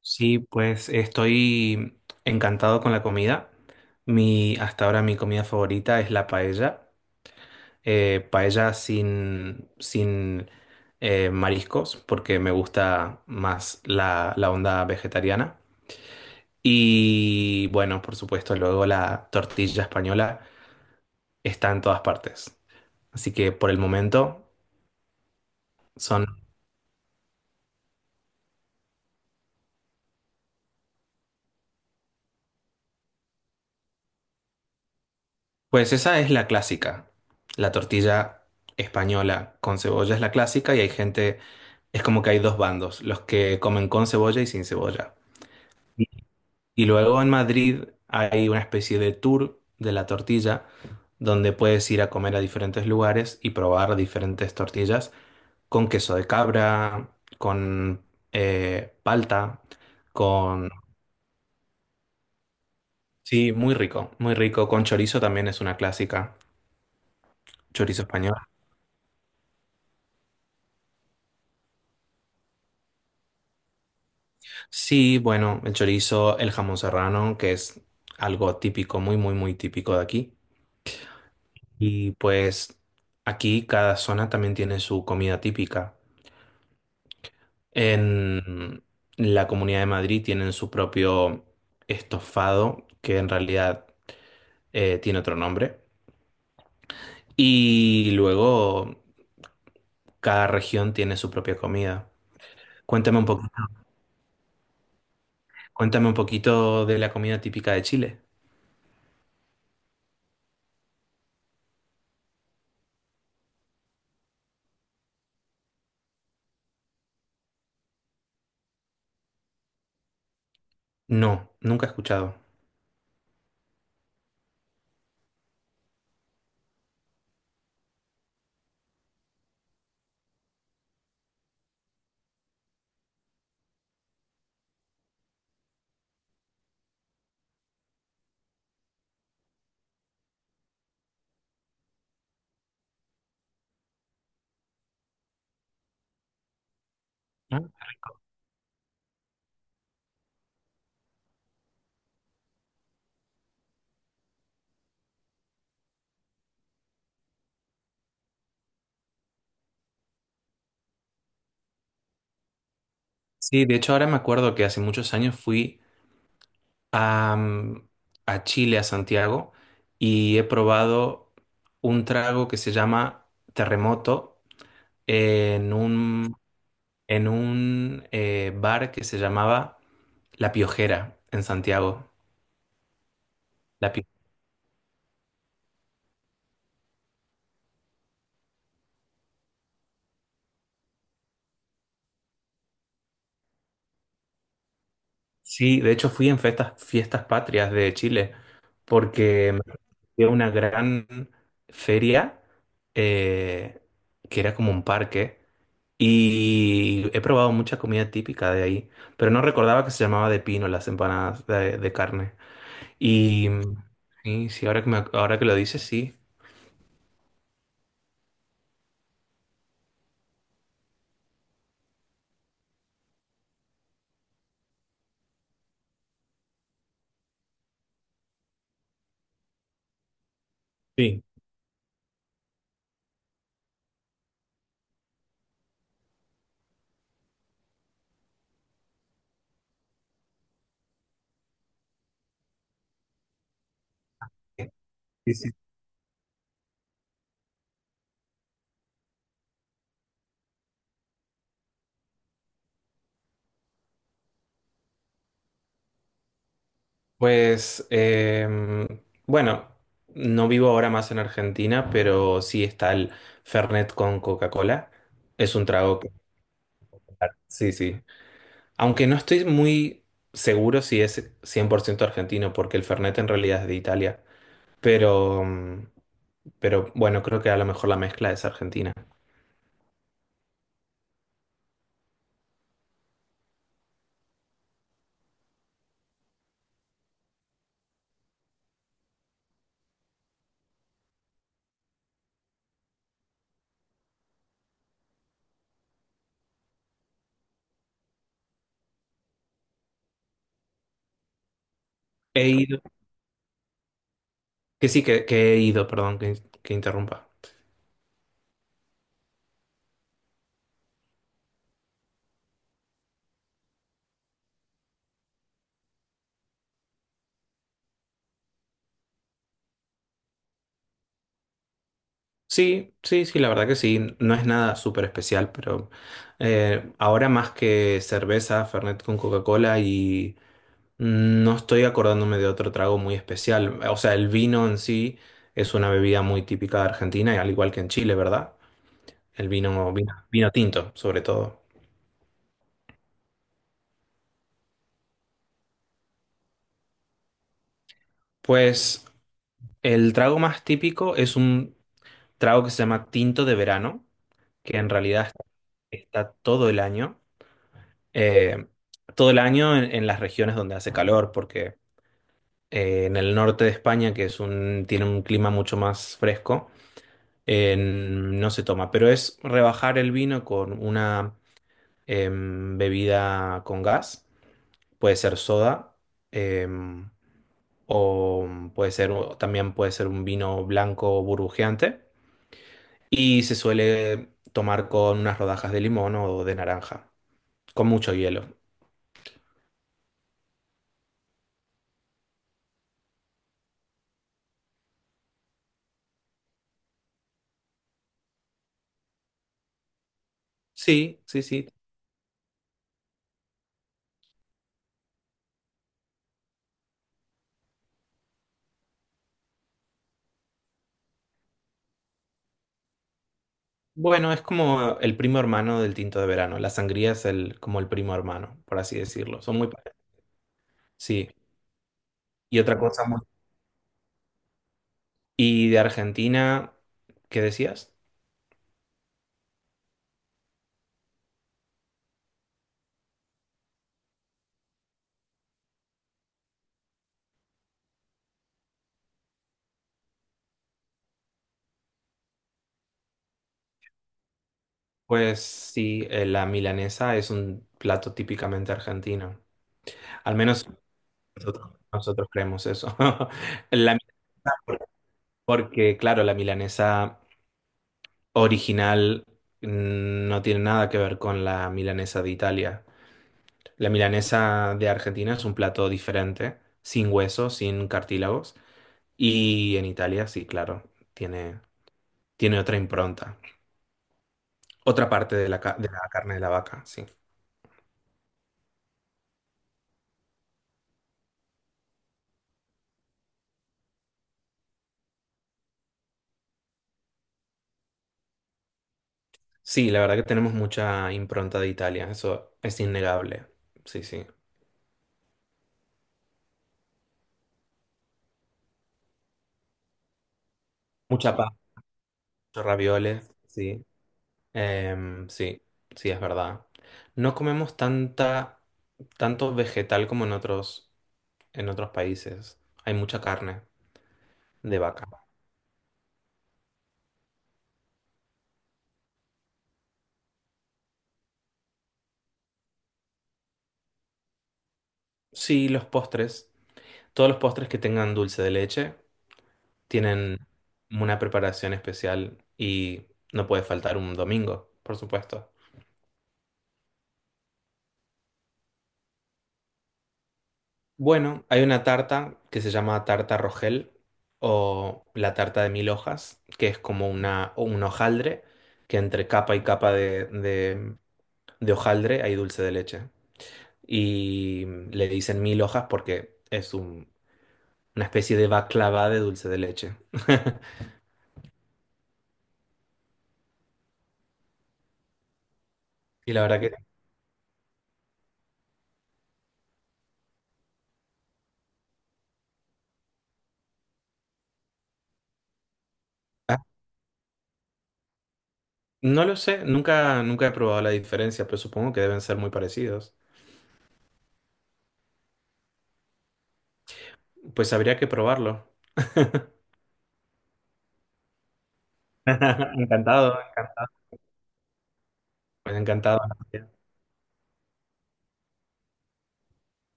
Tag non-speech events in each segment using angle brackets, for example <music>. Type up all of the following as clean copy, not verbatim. Sí, pues estoy encantado con la comida. Hasta ahora mi comida favorita es la paella. Paella sin mariscos, porque me gusta más la onda vegetariana. Y bueno, por supuesto, luego la tortilla española está en todas partes. Así que por el momento son. Pues esa es la clásica. La tortilla española con cebolla es la clásica y hay gente, es como que hay dos bandos, los que comen con cebolla y sin cebolla. Y luego en Madrid hay una especie de tour de la tortilla donde puedes ir a comer a diferentes lugares y probar diferentes tortillas con queso de cabra, con palta, con... Sí, muy rico, muy rico. Con chorizo también es una clásica, chorizo español. Sí, bueno, el chorizo, el jamón serrano, que es algo típico, muy, muy, muy típico de aquí. Y pues aquí cada zona también tiene su comida típica. En la Comunidad de Madrid tienen su propio estofado, que en realidad tiene otro nombre. Y luego cada región tiene su propia comida. Cuéntame un poco, cuéntame un poquito de la comida típica de Chile. No, nunca he escuchado. Sí, de hecho ahora me acuerdo que hace muchos años fui a, mm, a Chile, a Santiago, y he probado un trago que se llama Terremoto en un, en un bar que se llamaba La Piojera en Santiago. La Pio- Sí, de hecho fui en fiestas, fiestas patrias de Chile, porque me fui a una gran feria eh, que era como un parque. Y he probado mucha comida típica de ahí, pero no recordaba que se llamaba de pino las empanadas de carne. Y mm, sí, sí, ahora que lo dices, sí. Sí. Sí, sí. Pues bueno, no vivo ahora más en Argentina, pero sí está el Fernet con Coca-Cola. Es un trago que, sí, sí. Aunque no estoy muy seguro si es 100% argentino, porque el Fernet en realidad es de Italia. Pero pero bueno, creo que a lo mejor la mezcla es argentina. He Claro. ido, que sí, que he ido, perdón, que interrumpa. Sí, sí, sí, la verdad que sí, no es nada súper especial, pero ahora más que cerveza, Fernet con Coca-Cola y mm, no estoy acordándome de otro trago muy especial. O sea, el vino en sí es una bebida muy típica de Argentina, y al igual que en Chile, ¿verdad? El vino, vino tinto, sobre todo. Pues el trago más típico es un trago que se llama tinto de verano, que en realidad está eh, todo el año en las regiones donde hace calor, porque en el norte de España, que es tiene un clima mucho más fresco, no se toma, pero es rebajar el vino con una bebida con gas, puede ser soda, em, o puede ser, también puede ser un vino blanco burbujeante. Y se suele tomar con unas rodajas de limón o de naranja, con mucho hielo. Sí, sí, sí. Bueno, es como el primo hermano del tinto de verano. La sangría es el, como el primo hermano, por así decirlo. Son muy parecidos. Sí. Y otra cosa muy... Y de Argentina, ¿qué decías? Pues sí, la milanesa es un plato típicamente argentino. Al menos nosotros creemos eso. <laughs> La, mila- Porque, claro, la milanesa original mm, no tiene nada que ver con la milanesa de Italia. La milanesa de Argentina es un plato diferente, sin huesos, sin cartílagos. Y en Italia, sí, claro, tiene, tiene otra impronta. Otra parte de de la carne de la vaca, sí. Sí, la verdad que tenemos mucha impronta de Italia, eso es innegable. Sí, sí. Mucha pasta, muchos ravioles, sí. Sí, sí, es verdad. No comemos tanto vegetal como en otros países. Hay mucha carne de vaca. Sí, los postres. Todos los postres que tengan dulce de leche tienen una preparación especial y no puede faltar un domingo, por supuesto. Bueno, hay una tarta que se llama tarta Rogel o la tarta de mil hojas, que es como una, un hojaldre que entre capa y capa de hojaldre hay dulce de leche. Y le dicen mil hojas porque una especie de baklava de dulce de leche. <laughs> Y la verdad que ah, no lo sé, nunca, nunca he probado la diferencia, pero supongo que deben ser muy parecidos. Pues habría que probarlo. <laughs> Encantado, encantado. Encantado.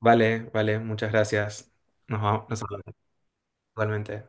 Vale, vale, muchas gracias. Nos vamos, nos hablamos igualmente.